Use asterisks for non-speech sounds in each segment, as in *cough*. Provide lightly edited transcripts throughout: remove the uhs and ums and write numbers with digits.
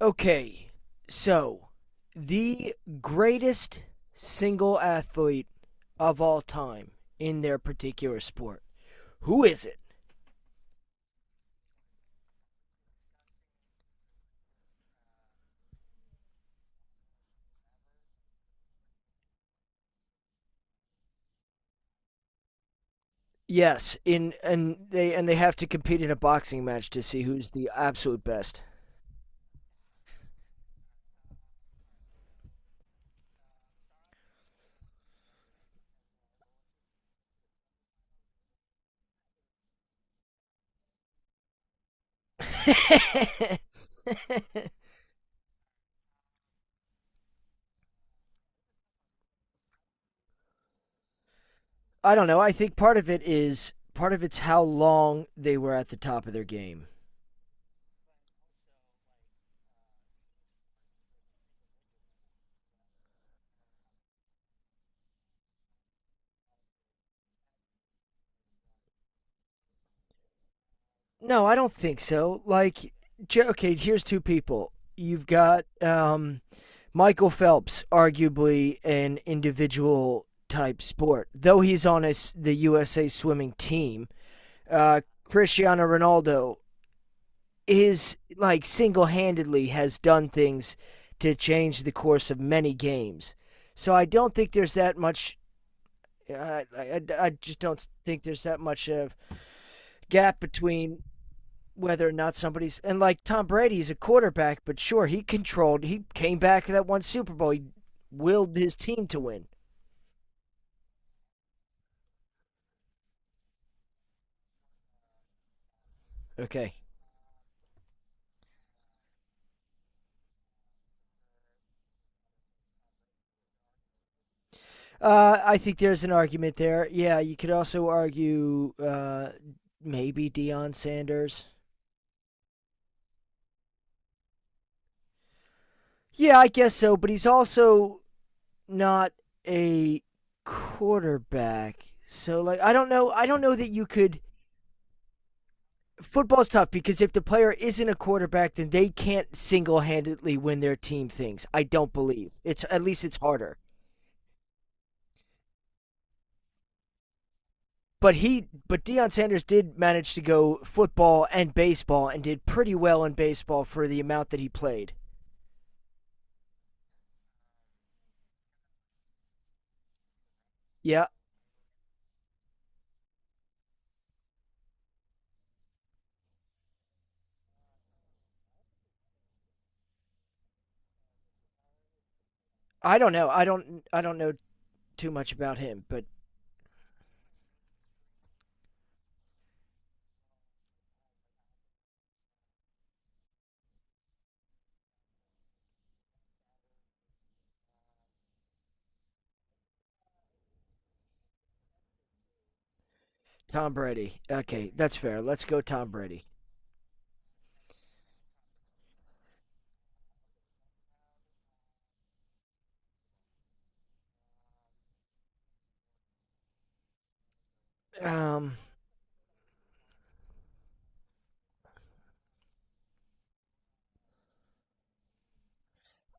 Okay, so the greatest single athlete of all time in their particular sport. Who is it? Yes, in and they have to compete in a boxing match to see who's the absolute best. *laughs* I don't know. I think part of it is part of it's how long they were at the top of their game. No, I don't think so. Like, okay, here's two people. You've got Michael Phelps, arguably an individual type sport, though he's on the USA swimming team. Cristiano Ronaldo is like single handedly has done things to change the course of many games. So I don't think there's that much. I just don't think there's that much of gap between whether or not somebody's and like Tom Brady's a quarterback, but sure he controlled. He came back that one Super Bowl. He willed his team to win. Okay. I think there's an argument there. Yeah, you could also argue maybe Deion Sanders. Yeah, I guess so, but he's also not a quarterback. So like I don't know, I don't know that you could football's tough because if the player isn't a quarterback, then they can't single-handedly win their team things. I don't believe it's , at least it's harder. But but Deion Sanders did manage to go football and baseball and did pretty well in baseball for the amount that he played. Yeah, I don't know. I don't know too much about him, but Tom Brady. Okay, that's fair. Let's go Tom Brady. Um,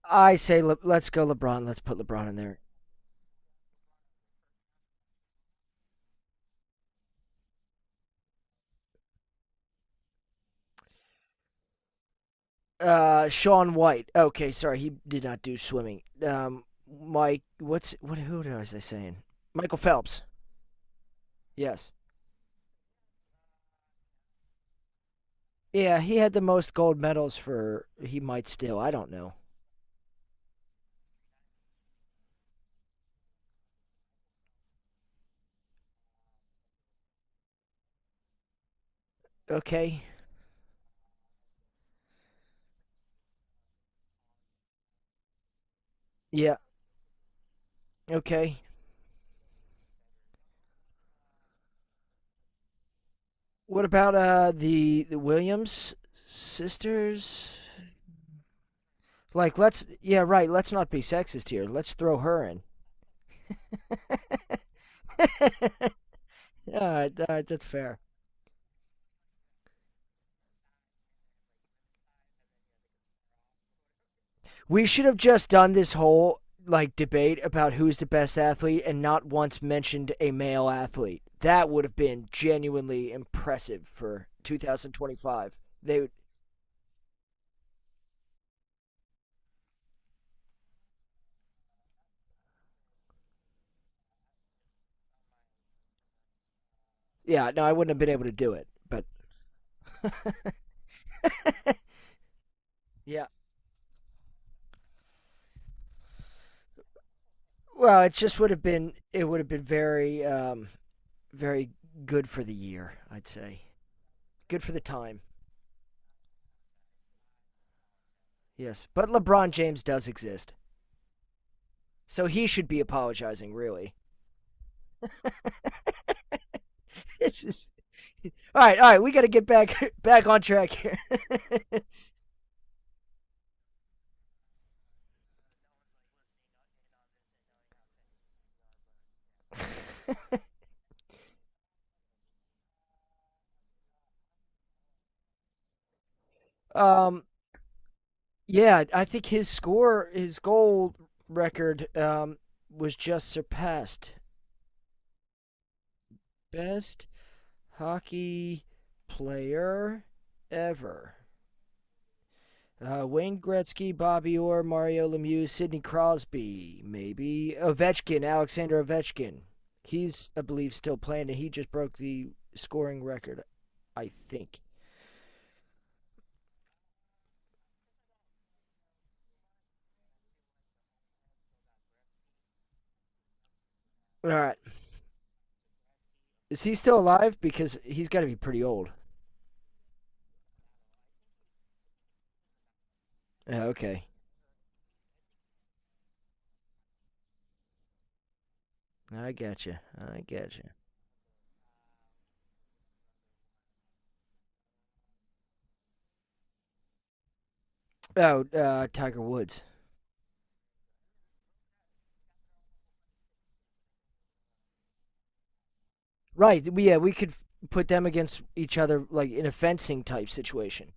I say let's go LeBron. Let's put LeBron in there. Sean White. Okay, sorry, he did not do swimming. Mike, what's what? Who was I saying? Michael Phelps. Yes. Yeah, he had the most gold medals for. He might still. I don't know. Okay. Yeah. Okay. What about the Williams sisters? Like, let's yeah, right. Let's not be sexist here. Let's throw her in. *laughs* all right, all right, that's fair. We should have just done this whole like debate about who's the best athlete and not once mentioned a male athlete. That would have been genuinely impressive for 2025. They would, yeah, no, I wouldn't have been able to do it, but yeah. Well, it just would have been it would have been very very good for the year, I'd say. Good for the time. Yes, but LeBron James does exist. So he should be apologizing, really. *laughs* It's just *laughs* all right, we got to get back *laughs* back on track here. *laughs* um, yeah, I think his goal record, was just surpassed. Best hockey player ever. Wayne Gretzky, Bobby Orr, Mario Lemieux, Sidney Crosby, maybe Ovechkin, Alexander Ovechkin. He's, I believe, still playing, and he just broke the scoring record, I think. All right, is he still alive? Because he's got to be pretty old. Okay, I gotcha. I gotcha. Oh, Tiger Woods. Right. We, yeah, we could put them against each other, like in a fencing type situation.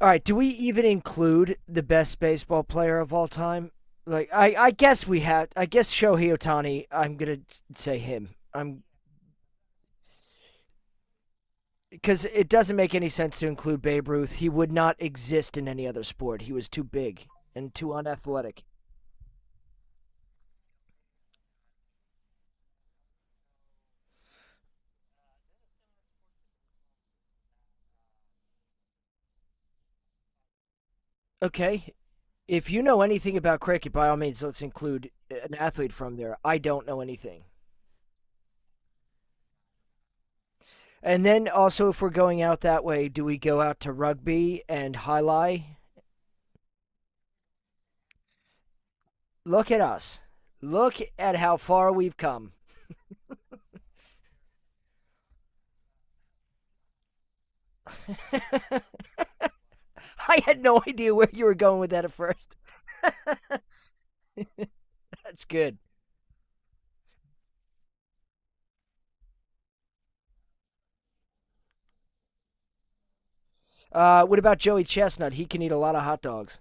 All right. Do we even include the best baseball player of all time? Like, I guess we have. I guess Shohei Otani. I'm gonna say him. I'm because it doesn't make any sense to include Babe Ruth. He would not exist in any other sport. He was too big and too unathletic. Okay. If you know anything about cricket, by all means, let's include an athlete from there. I don't know anything. And then also, if we're going out that way, do we go out to rugby and highlight? Look at us. Look at how far we've come. *laughs* I had no idea where you were going with that at first. *laughs* That's good. What about Joey Chestnut? He can eat a lot of hot dogs.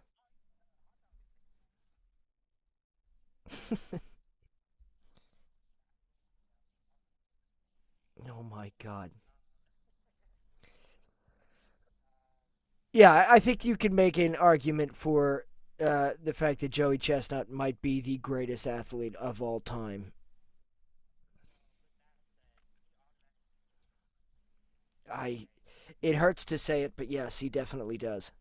Oh my God. Yeah, think you can make an argument for the fact that Joey Chestnut might be the greatest athlete of all time. I it hurts to say it, but yes, he definitely does.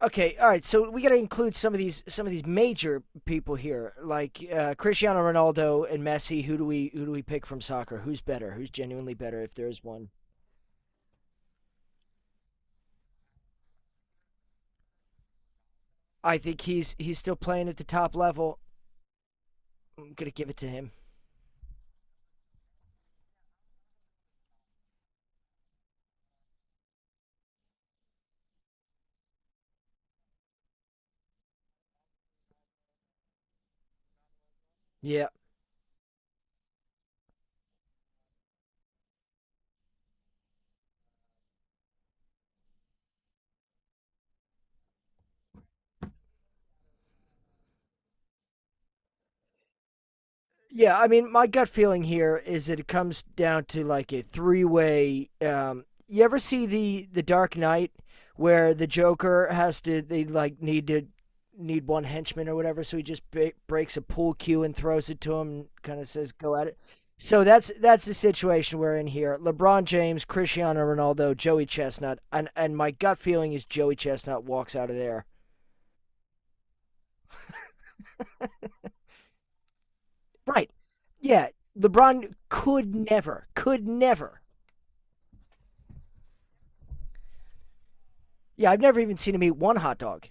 Okay, all right. So we got to include some of these major people here, like Cristiano Ronaldo and Messi. Who do we, who do we pick from soccer? Who's better? Who's genuinely better? If there is one, I think he's still playing at the top level. I'm gonna give it to him. Yeah, yeah, I mean, my gut feeling here is that it comes down to like a three-way. You ever see the Dark Knight where the Joker has to they like need to need one henchman or whatever, so he just breaks a pool cue and throws it to him, and kind of says, "Go at it." So that's the situation we're in here. LeBron James, Cristiano Ronaldo, Joey Chestnut, and my gut feeling is Joey Chestnut walks out of there. Right. Yeah, LeBron could never, could never. Yeah, I've never even seen him eat one hot dog.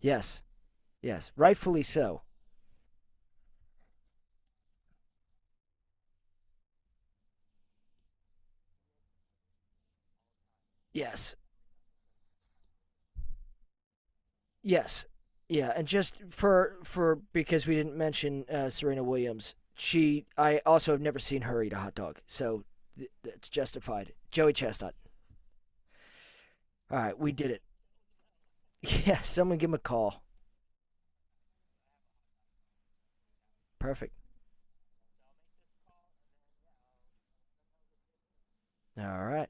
Yes, yes, rightfully so. Yes, yes, yeah. And just for because we didn't mention Serena Williams, she I also have never seen her eat a hot dog, so that's justified. Joey Chestnut. All right, we did it. *laughs* Yeah, someone give him a call. Perfect. All right.